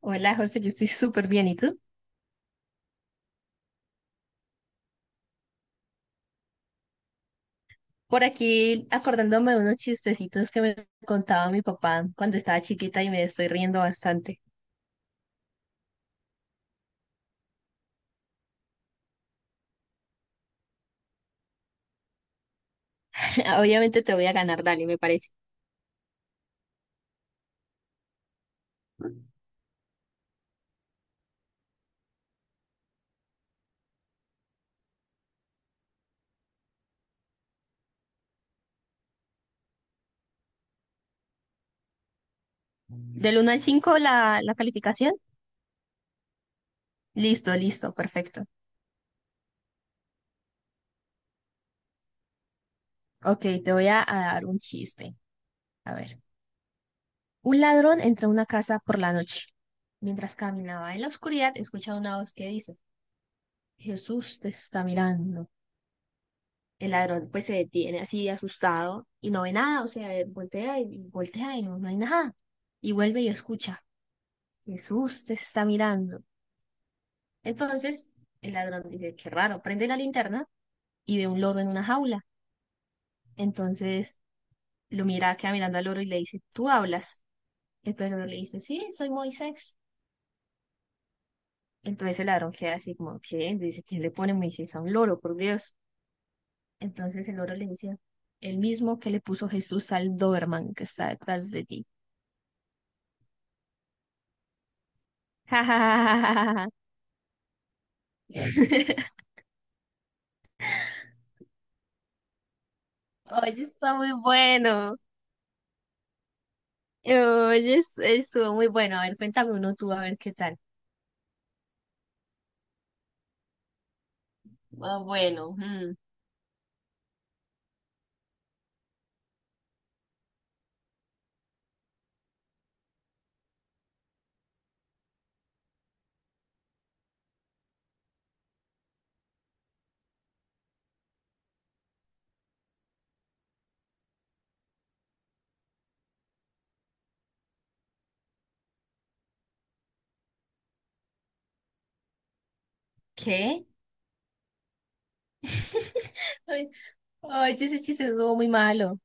Hola, José, yo estoy súper bien. ¿Y tú? Por aquí acordándome de unos chistecitos que me contaba mi papá cuando estaba chiquita y me estoy riendo bastante. Obviamente te voy a ganar, dale, me parece. Del uno al 5 la calificación. Listo, listo, perfecto. Ok, te voy a dar un chiste. A ver. Un ladrón entra a una casa por la noche. Mientras caminaba en la oscuridad, escucha una voz que dice, Jesús te está mirando. El ladrón pues se detiene así asustado y no ve nada, o sea, voltea y voltea y no hay nada. Y vuelve y escucha, Jesús te está mirando. Entonces el ladrón dice, qué raro, prende la linterna y ve un loro en una jaula. Entonces lo mira, queda mirando al loro y le dice, ¿tú hablas? Entonces el loro le dice, sí, soy Moisés. Entonces el ladrón queda así como, ¿qué? Dice, ¿quién le pone Moisés a un loro, por Dios? Entonces el loro le dice, el mismo que le puso Jesús al Doberman que está detrás de ti. Jajajajaja. Oye, está muy bueno. Oye, estuvo muy bueno. A ver, cuéntame uno tú, a ver qué tal. Ah, bueno, ¿qué? Ay. Oye, ese chiste estuvo muy malo.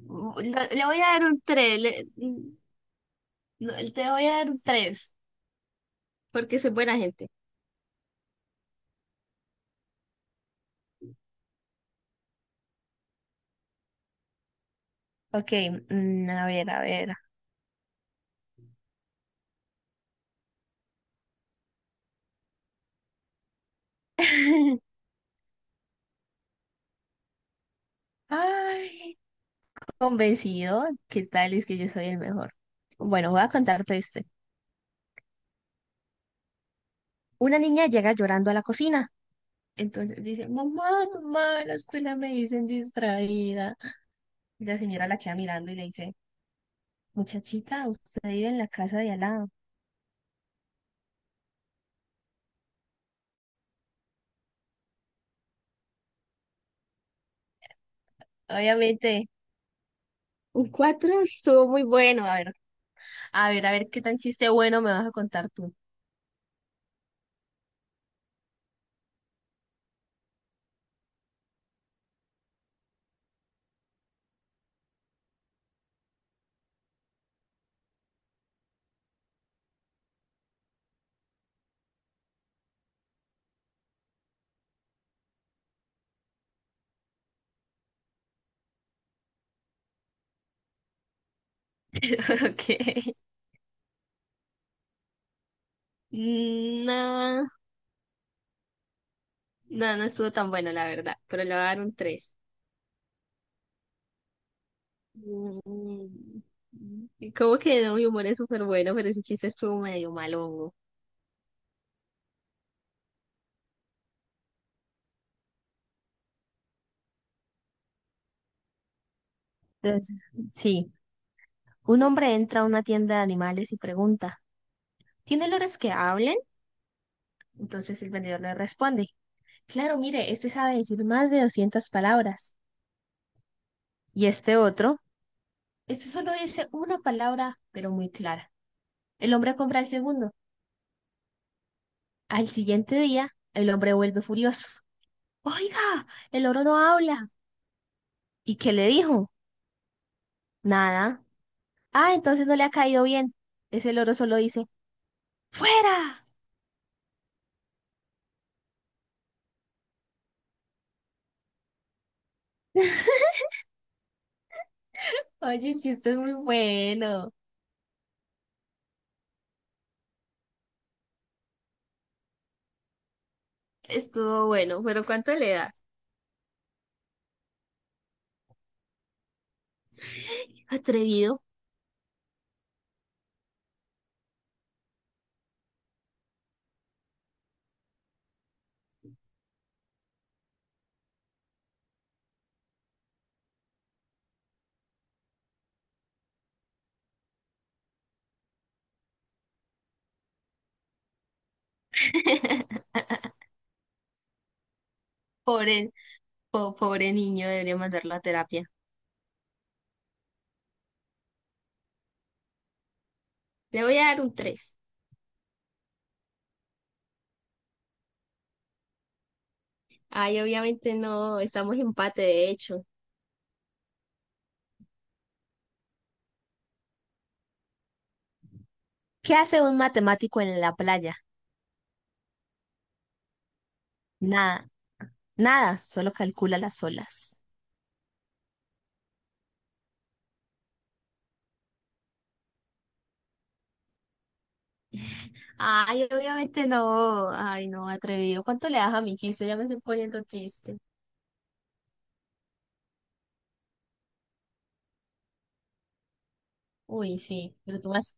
Mm, Le, le voy a dar un 3. Te voy a dar un 3, porque soy buena gente. Ok, a ver, a ver. Ay, convencido, ¿qué tal? Es que yo soy el mejor. Bueno, voy a contarte este. Una niña llega llorando a la cocina. Entonces dice, mamá, mamá, en la escuela me dicen distraída. Y la señora la queda mirando y le dice, muchachita, usted vive en la casa de al lado. Obviamente, un cuatro estuvo muy bueno. A ver, a ver, a ver qué tan chiste bueno me vas a contar tú. Ok. Mm, no, no, no estuvo tan bueno, la verdad, pero le voy a dar un tres. Mm, Como que no, mi humor es súper bueno, pero ese chiste estuvo medio malongo. Entonces, sí. Un hombre entra a una tienda de animales y pregunta, ¿tiene olores que hablen? Entonces el vendedor le responde, claro, mire, este sabe decir más de 200 palabras. Y este otro, este solo dice una palabra, pero muy clara. El hombre compra el segundo. Al siguiente día, el hombre vuelve furioso. Oiga, el loro no habla. ¿Y qué le dijo? Nada. Ah, entonces no le ha caído bien. Ese loro solo dice, ¡fuera! Oye, el chiste es muy bueno. Estuvo bueno, pero ¿cuánto le das? Atrevido. Pobre, pobre niño, debería mandarlo a terapia. Le voy a dar un tres. Ay, obviamente no, estamos en empate de hecho. ¿Qué hace un matemático en la playa? Nada, nada, solo calcula las olas. Ay, obviamente no. Ay, no, atrevido. ¿Cuánto le das a mi 15? Ya me estoy poniendo triste. Uy, sí, pero tú más,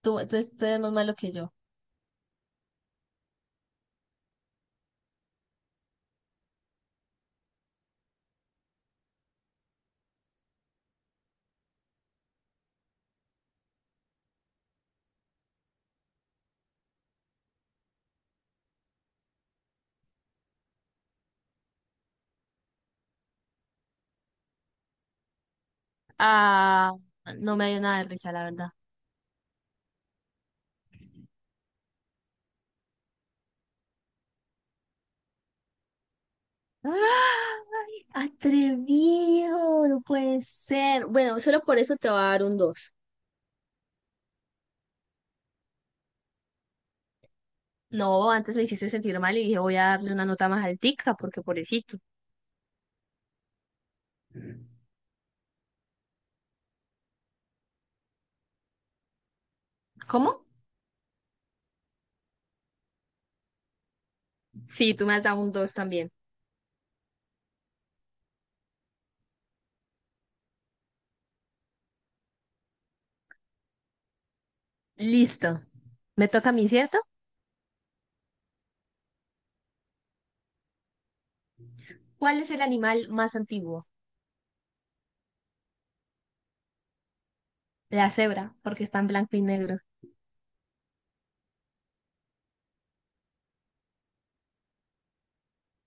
tú eres más malo que yo. Ah, no me dio nada de risa, la verdad. ¡Ay! Atrevido, no puede ser. Bueno, solo por eso te voy a dar un 2. No, antes me hiciste sentir mal y dije voy a darle una nota más altica porque pobrecito. ¿Cómo? Sí, tú me has dado un 2 también. Listo. Me toca a mí, ¿cierto? ¿Cuál es el animal más antiguo? La cebra, porque está en blanco y negro.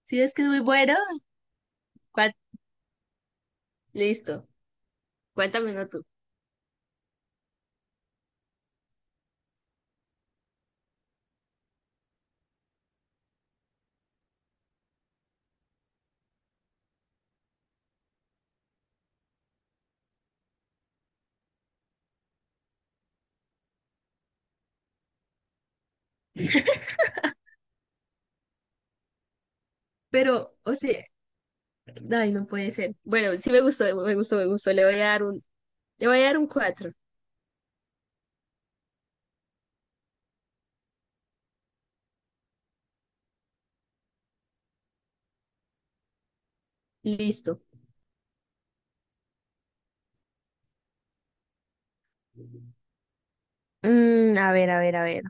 Si ves que es muy bueno. ¿Cuál? Listo. Cuéntamelo tú. Pero, o sea, ay, no puede ser. Bueno, sí me gustó, me gustó, me gustó. Le voy a dar un 4. Listo. A ver, a ver, a ver.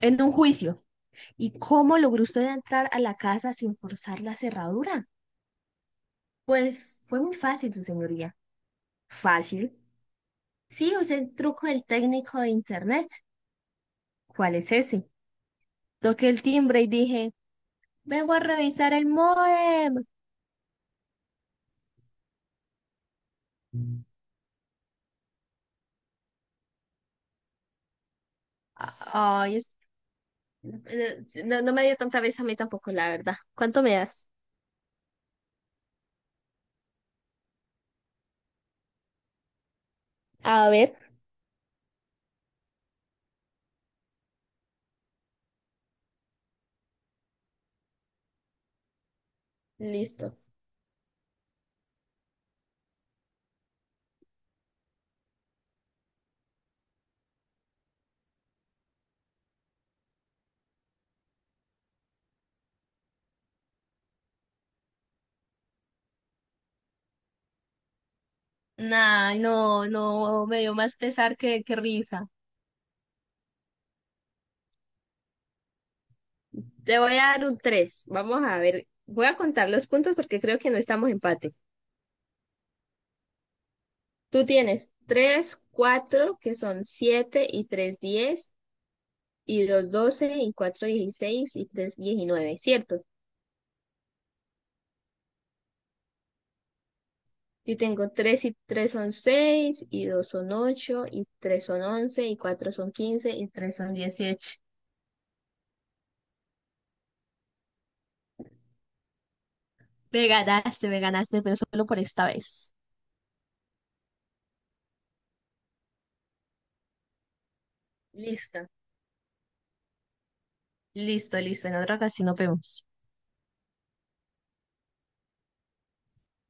En un juicio. ¿Y cómo logró usted entrar a la casa sin forzar la cerradura? Pues fue muy fácil, su señoría. Fácil. Sí, usé el truco del técnico de internet. ¿Cuál es ese? Toqué el timbre y dije, vengo a revisar el módem. Ay, sí, no me dio tanta vez a mí tampoco, la verdad. ¿Cuánto me das? A ver. Listo. Nah, no, no, me dio más pesar que risa. Te voy a dar un 3. Vamos a ver. Voy a contar los puntos porque creo que no estamos empate. Tú tienes 3, 4, que son 7 y 3, 10 y 2, 12 y 4, 16 y 3, 19. ¿Cierto? Yo tengo 3 y 3 son 6 y 2 son 8 y 3 son 11 y 4 son 15 y 3 son 18. Me ganaste, pero solo por esta vez. Listo, listo, listo. En otra ocasión nos vemos.